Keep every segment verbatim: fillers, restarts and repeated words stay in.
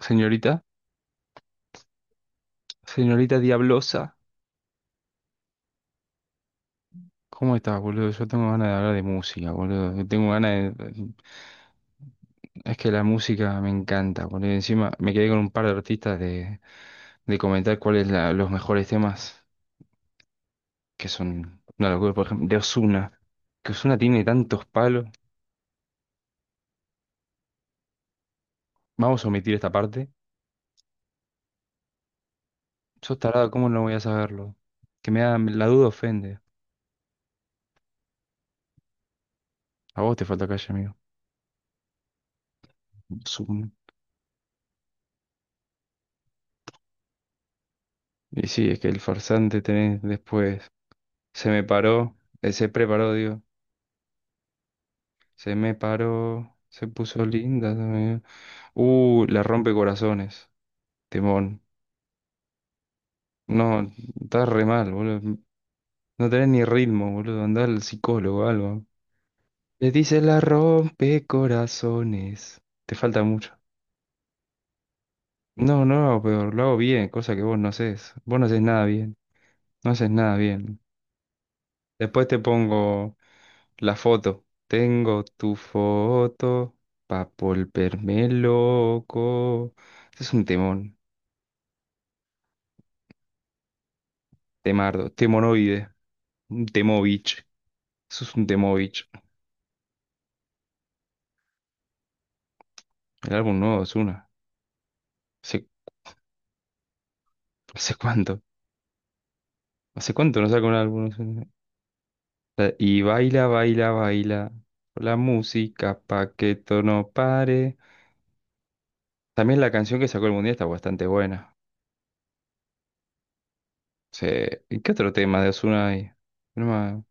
Señorita, señorita Diablosa, ¿cómo estás, boludo? Yo tengo ganas de hablar de música, boludo. Yo tengo ganas de... Es que la música me encanta, boludo. Y encima me quedé con un par de artistas de, de comentar cuáles son los mejores temas, que son una locura, por ejemplo, de Ozuna. Que Ozuna tiene tantos palos. Vamos a omitir esta parte. Sos tarado, ¿cómo no voy a saberlo? Que me da... La duda ofende. A vos te falta calle, amigo. Ozuna. Y sí, es que el farsante tenés después... Se me paró, eh, se preparó, digo. Se me paró, se puso linda también. Uh, la rompe corazones, Timón. No, estás re mal, boludo. No tenés ni ritmo, boludo. Andá al psicólogo o algo. Le dice la rompe corazones. Te falta mucho. No, no lo hago peor, lo hago bien, cosa que vos no haces. Vos no haces nada bien. No haces nada bien. Después te pongo la foto. Tengo tu foto pa' volverme loco. Ese es un temón. Temardo, Temonoide, un Temovich. Eso es un Temovich. El álbum nuevo es una. ¿Hace, hace cuánto? ¿Hace cuánto no saca un álbum? ¿Ozuna? La- Y baila, baila, baila. La música pa' que esto no pare. También la canción que sacó el Mundial está bastante buena. Se- ¿Y qué otro tema de Ozuna hay? No me-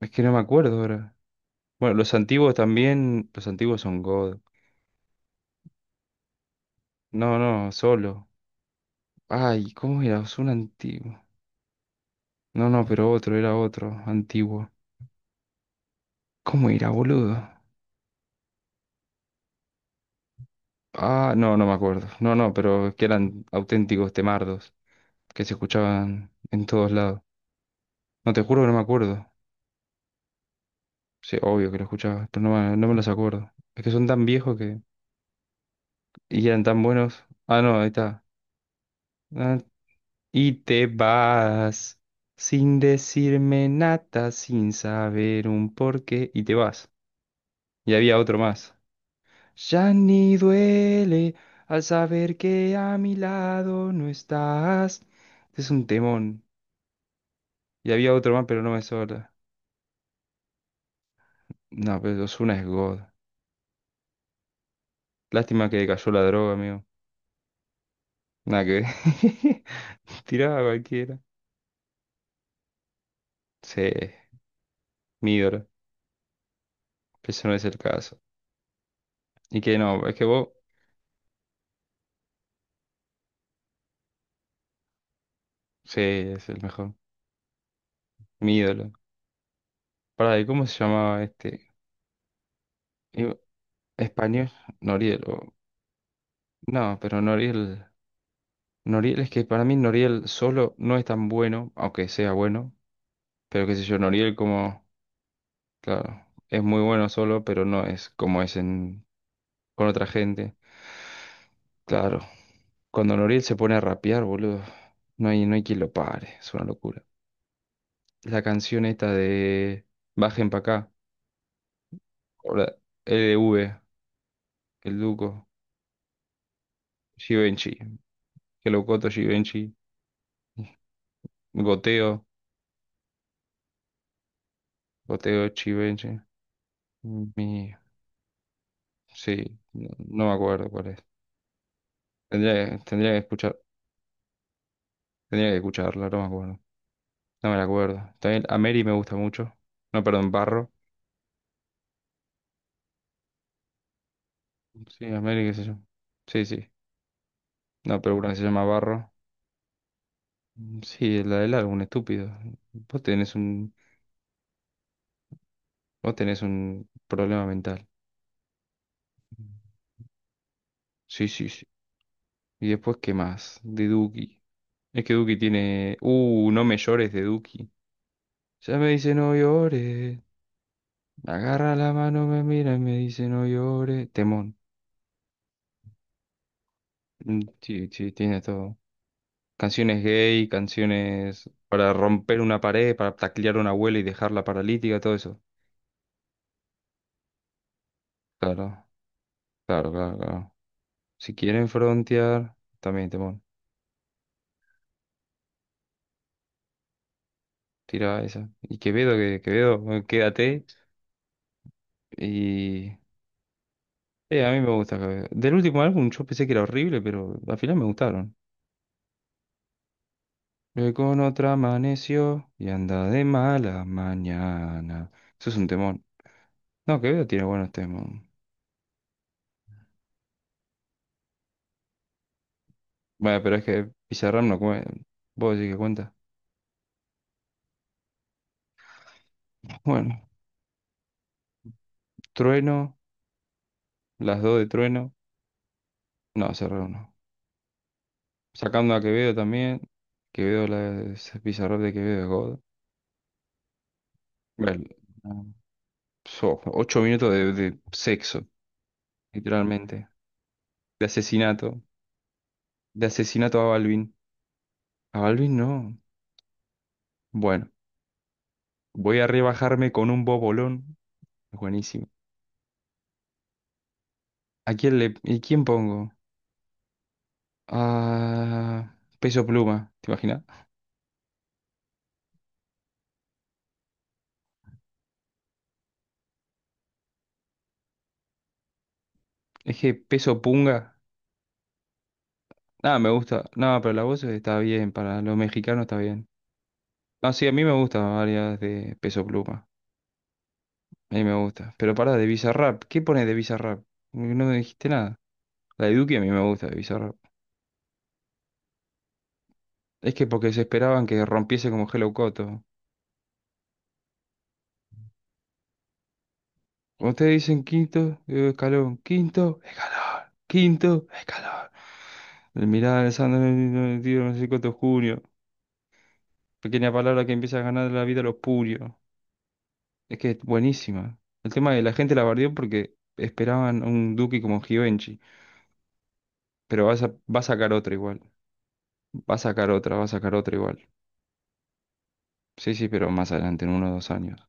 es que no me acuerdo ahora. Bueno, los antiguos también. Los antiguos son God. No, no, solo. Ay, ¿cómo era Ozuna antiguo? No, no, pero otro, era otro, antiguo. ¿Cómo era, boludo? Ah, no, no me acuerdo. No, no, pero que eran auténticos temardos, que se escuchaban en todos lados. No, te juro que no me acuerdo. Sí, obvio que lo escuchaba, pero no me, no me los acuerdo. Es que son tan viejos que... y eran tan buenos. Ah, no, ahí está. Ah, y te vas sin decirme nada, sin saber un porqué, y te vas. Y había otro más. Ya ni duele al saber que a mi lado no estás. Este es un temón. Y había otro más, pero no me sobra. No, pero Ozuna es God. Lástima que cayó la droga, amigo. Nada que ver. Tiraba a cualquiera. Sí, mi ídolo. Pero ese no es el caso. Y que no, es que vos, sí, es el mejor. Mi ídolo. Pará, ¿y cómo se llamaba este? Iba- Español, Noriel. O- No, pero Noriel. Noriel, es que para mí Noriel solo no es tan bueno, aunque sea bueno, pero qué sé yo, Noriel como, claro, es muy bueno solo, pero no es como es en, con otra gente. Claro, cuando Noriel se pone a rapear, boludo, no hay, no hay quien lo pare, es una locura. La canción esta de Bajen pa' acá, o la L V. El Duco, Givenchy, que locoto Givenchy, Goteo, Goteo Givenchy, mi... Sí, no, no me acuerdo cuál es. Tendría que, tendría que escuchar. Tendría que escucharla, no me acuerdo. No me la acuerdo. También a Mary me gusta mucho. No, perdón, Barro. Sí, a Mary, qué sé yo. Sí, sí. No, pero una que se llama Barro. Mm, sí, la del álbum, estúpido. Vos tenés un, vos tenés un problema mental. Sí, sí, sí. Y después, ¿qué más? De Duki. Es que Duki tiene. Uh, no me llores de Duki. Ya me dice no llores. Agarra la mano, me mira y me dice no llores. Temón. Mm, sí, sí, tiene todo. Canciones gay, canciones para romper una pared, para taclear a una abuela y dejarla paralítica, todo eso. Claro, claro, claro, claro. Si quieren frontear, también, temón. Tira esa. Y Quevedo, que Quevedo, bueno, quédate. Y. Eh, a mí me gusta Quevedo. Del último álbum yo pensé que era horrible, pero al final me gustaron. Eh, Con otra amaneció y anda de mala mañana. Eso es un temón. No, Quevedo tiene buenos temas. Bueno, pero es que Pizarram no cuenta. ¿Vos decís que cuenta? Bueno. Trueno, las dos de Trueno. No, Serrano no. Sacando a Quevedo también. Quevedo, la ese pizarro de Quevedo es God. Bueno, so, ocho minutos de, de sexo, literalmente. De asesinato. De asesinato a Balvin. A Balvin no. Bueno, voy a rebajarme con un bobolón. Buenísimo. ¿A quién le... ¿Y quién pongo? Ah, peso pluma, ¿te imaginas? Es que peso punga. Ah, me gusta. No, pero la voz está bien, para los mexicanos está bien. No sí, a mí me gustan varias de Peso Pluma. A mí me gusta. Pero pará, de Bizarrap. ¿Qué pones de Bizarrap? Porque no me dijiste nada. La de Duki a mí me gusta de Bizarrap. Es que porque se esperaban que rompiese como Hello Coto. Cuando ustedes dicen quinto eh, escalón, quinto escalón, quinto escalón. El mirar Alessandro el tiro, no sé cuánto junio. Pequeña palabra que empieza a ganar la vida a los purios. Es que es buenísima. El tema de la gente la bardeó porque esperaban un Duki como Givenchy. Pero vas a, va a sacar otro igual. Va a sacar otra, va a sacar otra igual. Sí, sí, pero más adelante, en uno o dos años.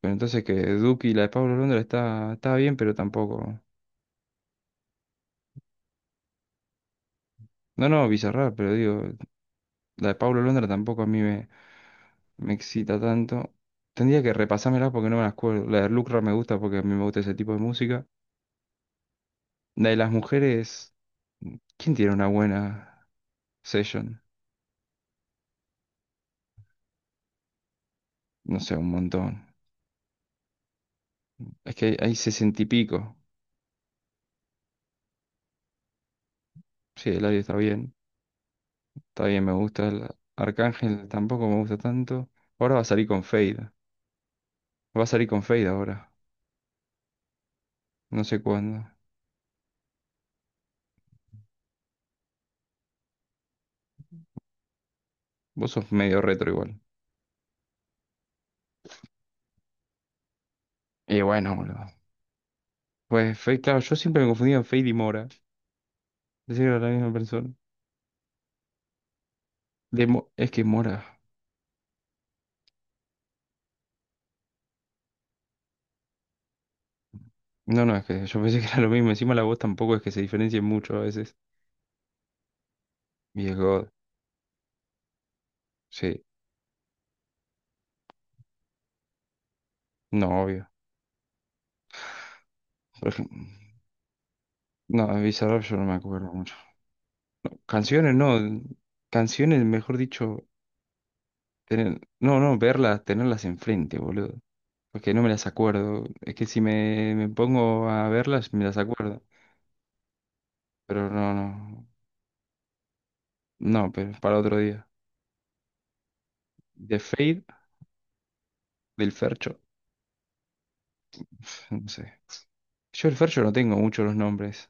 Pero entonces que Duki y la de Pablo Londra está, está bien, pero tampoco. No, no, Bizarrap, pero digo, la de Pablo Londra tampoco a mí me, me excita tanto. Tendría que repasármela porque no me las acuerdo. La de Lucra me gusta porque a mí me gusta ese tipo de música. La de las mujeres, ¿quién tiene una buena session? No sé, un montón. Es que hay, hay sesenta y pico. Sí, el audio está bien. Está bien, me gusta. El Arcángel tampoco me gusta tanto. Ahora va a salir con Fade. Va a salir con Fade ahora. No sé cuándo. Vos sos medio retro igual. Y bueno, boludo. Pues Fade, claro, yo siempre me confundía en Fade y Mora. Pensé que era la misma persona. De Mo- es que Mora. No, no, es que yo pensé que era lo mismo. Encima la voz tampoco es que se diferencie mucho a veces. Y es God. Sí. No, obvio. Por ejemplo, no, de Bizarrap yo no me acuerdo mucho. Canciones no. Canciones, mejor dicho, tener, no, no, verlas, tenerlas enfrente, boludo. Porque no me las acuerdo. Es que si me, me pongo a verlas, me las acuerdo. Pero no, no. No, pero para otro día. De Fade, del Fercho. No sé. Yo el Fercho no tengo mucho los nombres.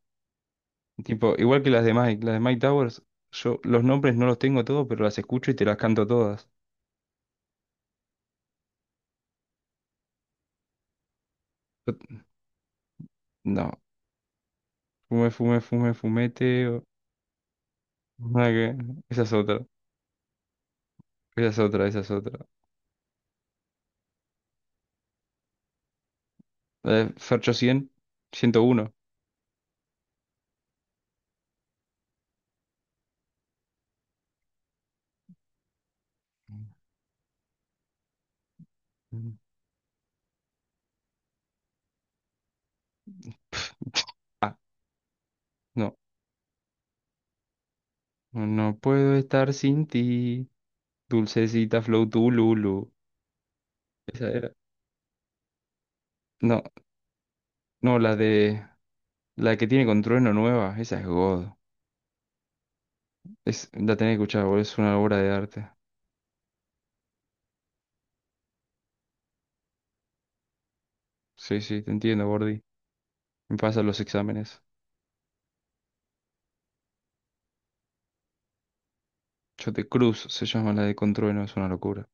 Tipo, igual que las de Mike. Las de Mike Towers, yo los nombres no los tengo todos, pero las escucho y te las canto todas. Yo- no. Fume, fume, fume, fumete. O- nada que- Esa es otra. Esa es otra, esa es otra. La de Fercho cien, ciento uno. No. No no puedo estar sin ti. Dulcecita Flow lulu. Esa era. No, no, la de. La que tiene con Trueno nueva, esa es God. Es, la tenés que escuchar, boludo, es una obra de arte. Sí, sí, te entiendo, Gordy. Me pasan los exámenes. Yo te Cruz se llama la de con Trueno, es una locura.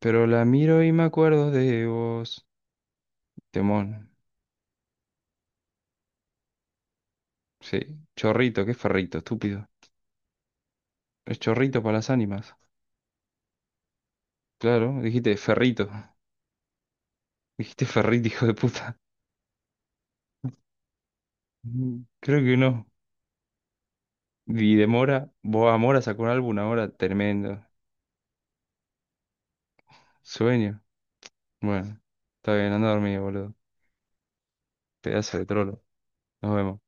Pero la miro y me acuerdo de vos. Temón. Sí. Chorrito, ¿qué es ferrito, estúpido? Es chorrito para las ánimas. Claro, dijiste ferrito. Dijiste ferrito, hijo de puta. Mm, Creo que no. Y de Mora, vos a Mora sacó un álbum ahora tremendo. Sueño. Bueno, está bien, anda a dormir, boludo. Pedazo de trolo. Nos vemos.